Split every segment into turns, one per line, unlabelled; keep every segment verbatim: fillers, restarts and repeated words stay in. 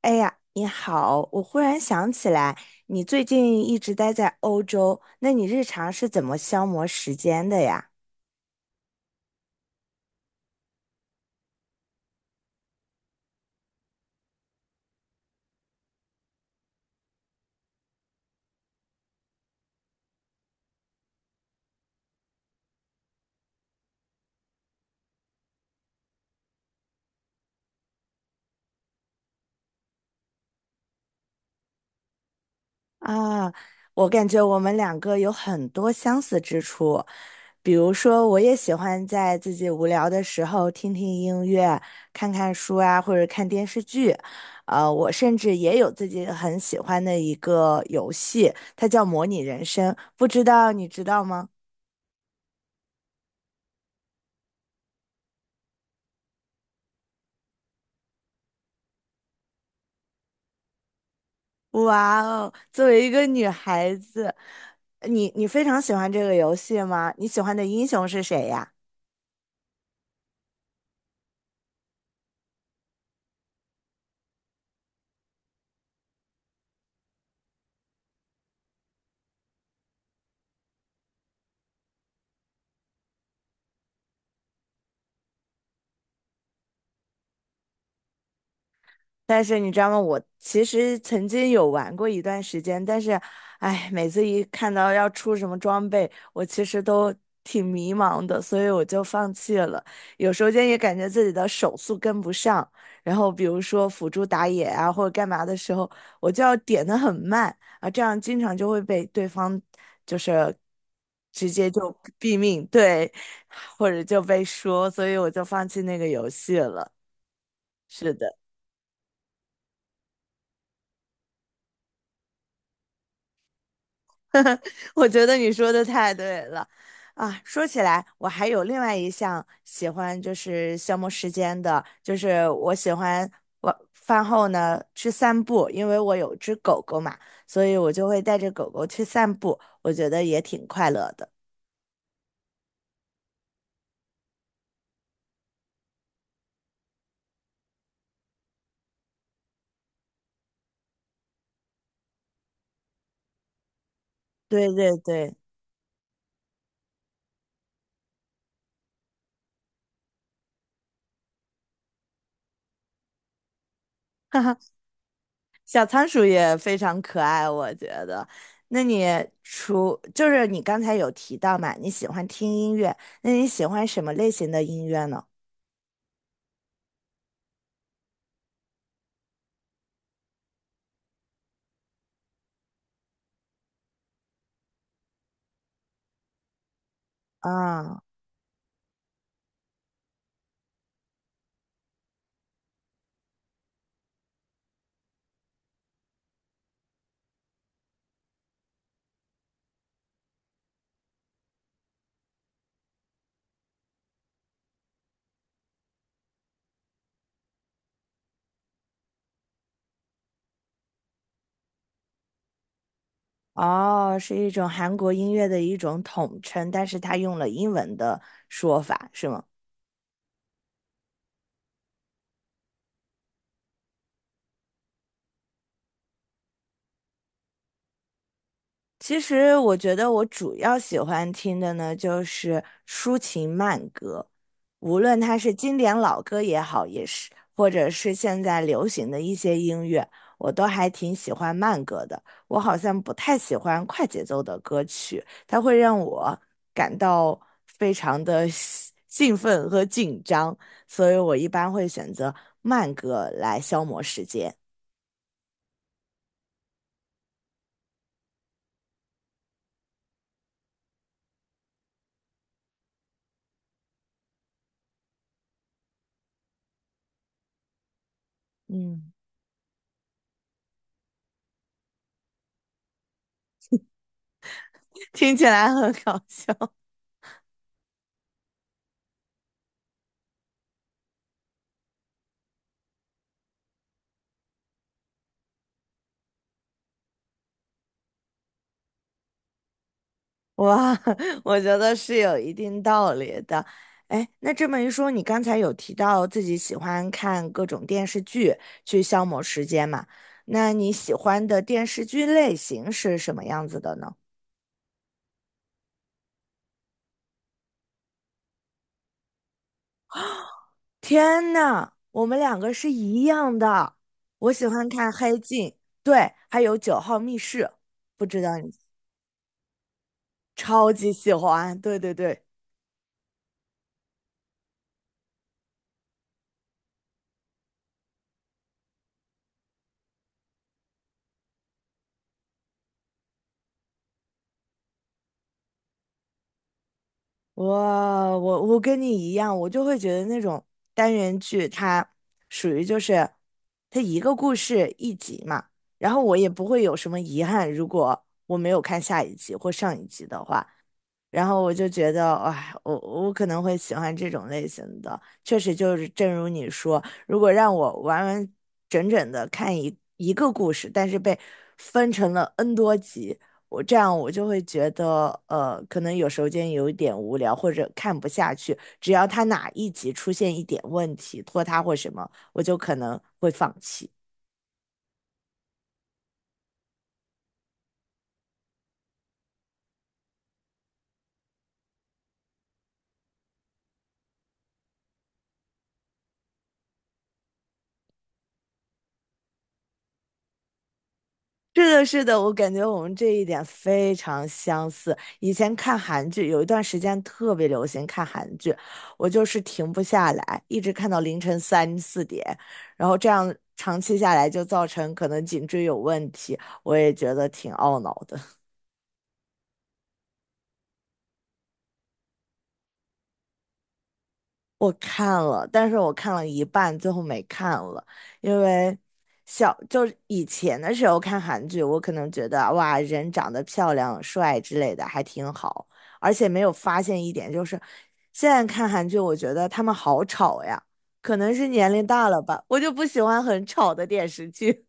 哎呀，你好！我忽然想起来，你最近一直待在欧洲，那你日常是怎么消磨时间的呀？啊，我感觉我们两个有很多相似之处，比如说，我也喜欢在自己无聊的时候听听音乐、看看书啊，或者看电视剧。呃，我甚至也有自己很喜欢的一个游戏，它叫《模拟人生》，不知道你知道吗？哇哦，作为一个女孩子，你你非常喜欢这个游戏吗？你喜欢的英雄是谁呀？但是你知道吗？我其实曾经有玩过一段时间，但是，哎，每次一看到要出什么装备，我其实都挺迷茫的，所以我就放弃了。有时间也感觉自己的手速跟不上，然后比如说辅助打野啊或者干嘛的时候，我就要点的很慢啊，这样经常就会被对方就是直接就毙命，对，或者就被说，所以我就放弃那个游戏了。是的。我觉得你说的太对了，啊，说起来，我还有另外一项喜欢，就是消磨时间的，就是我喜欢晚饭后呢去散步，因为我有只狗狗嘛，所以我就会带着狗狗去散步，我觉得也挺快乐的。对对对，哈哈，小仓鼠也非常可爱，我觉得。那你除就是你刚才有提到嘛，你喜欢听音乐，那你喜欢什么类型的音乐呢？啊。哦，是一种韩国音乐的一种统称，但是它用了英文的说法，是吗？其实我觉得我主要喜欢听的呢，就是抒情慢歌，无论它是经典老歌也好，也是或者是现在流行的一些音乐，我都还挺喜欢慢歌的。我好像不太喜欢快节奏的歌曲，它会让我感到非常的 兴奋和紧张，所以我一般会选择慢歌来消磨时间。嗯，听起来很搞笑。哇，我觉得是有一定道理的。哎，那这么一说，你刚才有提到自己喜欢看各种电视剧去消磨时间嘛？那你喜欢的电视剧类型是什么样子的呢？天呐，我们两个是一样的。我喜欢看《黑镜》，对，还有《九号密室》，不知道你超级喜欢。对对对。我我我跟你一样，我就会觉得那种单元剧它属于就是它一个故事一集嘛，然后我也不会有什么遗憾，如果我没有看下一集或上一集的话，然后我就觉得，哎，我我可能会喜欢这种类型的。确实，就是正如你说，如果让我完完整整的看一一个故事，但是被分成了 N 多集，我这样我就会觉得，呃，可能有时间有一点无聊，或者看不下去。只要他哪一集出现一点问题，拖沓或什么，我就可能会放弃。是的，是的，我感觉我们这一点非常相似。以前看韩剧，有一段时间特别流行看韩剧，我就是停不下来，一直看到凌晨三四点，然后这样长期下来就造成可能颈椎有问题，我也觉得挺懊恼的。我看了，但是我看了一半，最后没看了，因为小就是以前的时候看韩剧，我可能觉得哇，人长得漂亮、帅之类的还挺好，而且没有发现一点，就是现在看韩剧，我觉得他们好吵呀，可能是年龄大了吧，我就不喜欢很吵的电视剧。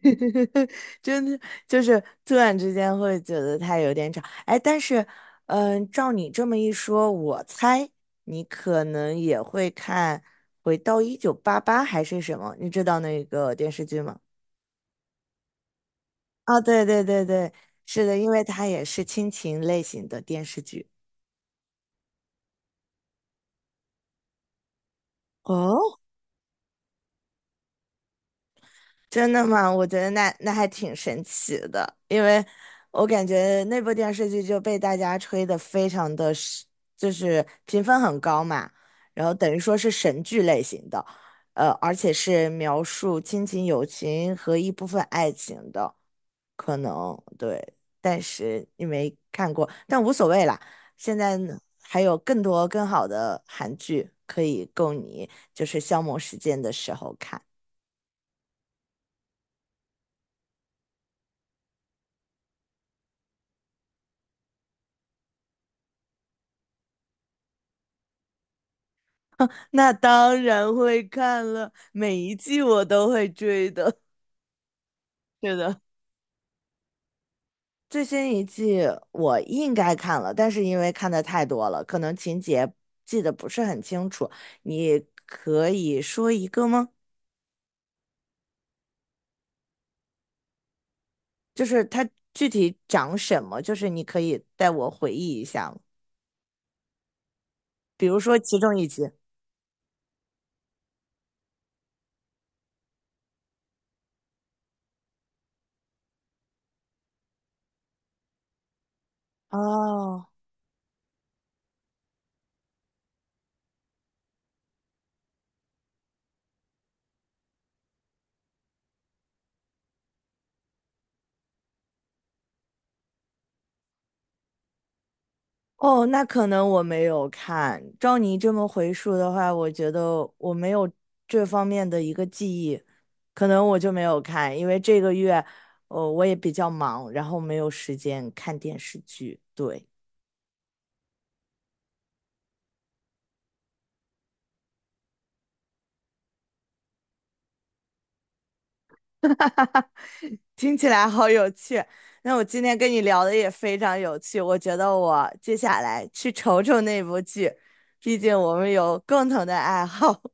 真的就是突然之间会觉得它有点吵，哎，但是，嗯，照你这么一说，我猜你可能也会看《回到一九八八》还是什么？你知道那个电视剧吗？啊，对对对对，是的，因为它也是亲情类型的电视剧。哦，真的吗？我觉得那那还挺神奇的，因为我感觉那部电视剧就被大家吹得非常的是就是评分很高嘛，然后等于说是神剧类型的，呃，而且是描述亲情、友情和一部分爱情的，可能对，但是你没看过，但无所谓啦。现在呢还有更多更好的韩剧可以供你就是消磨时间的时候看。那当然会看了，每一季我都会追的。是的，最新一季我应该看了，但是因为看的太多了，可能情节记得不是很清楚。你可以说一个吗？就是它具体讲什么？就是你可以带我回忆一下吗比如说其中一集。哦，哦，那可能我没有看。照你这么回述的话，我觉得我没有这方面的一个记忆，可能我就没有看，因为这个月，呃，我也比较忙，然后没有时间看电视剧。对，听起来好有趣。那我今天跟你聊的也非常有趣，我觉得我接下来去瞅瞅那部剧，毕竟我们有共同的爱好。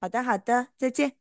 好的，好的，再见。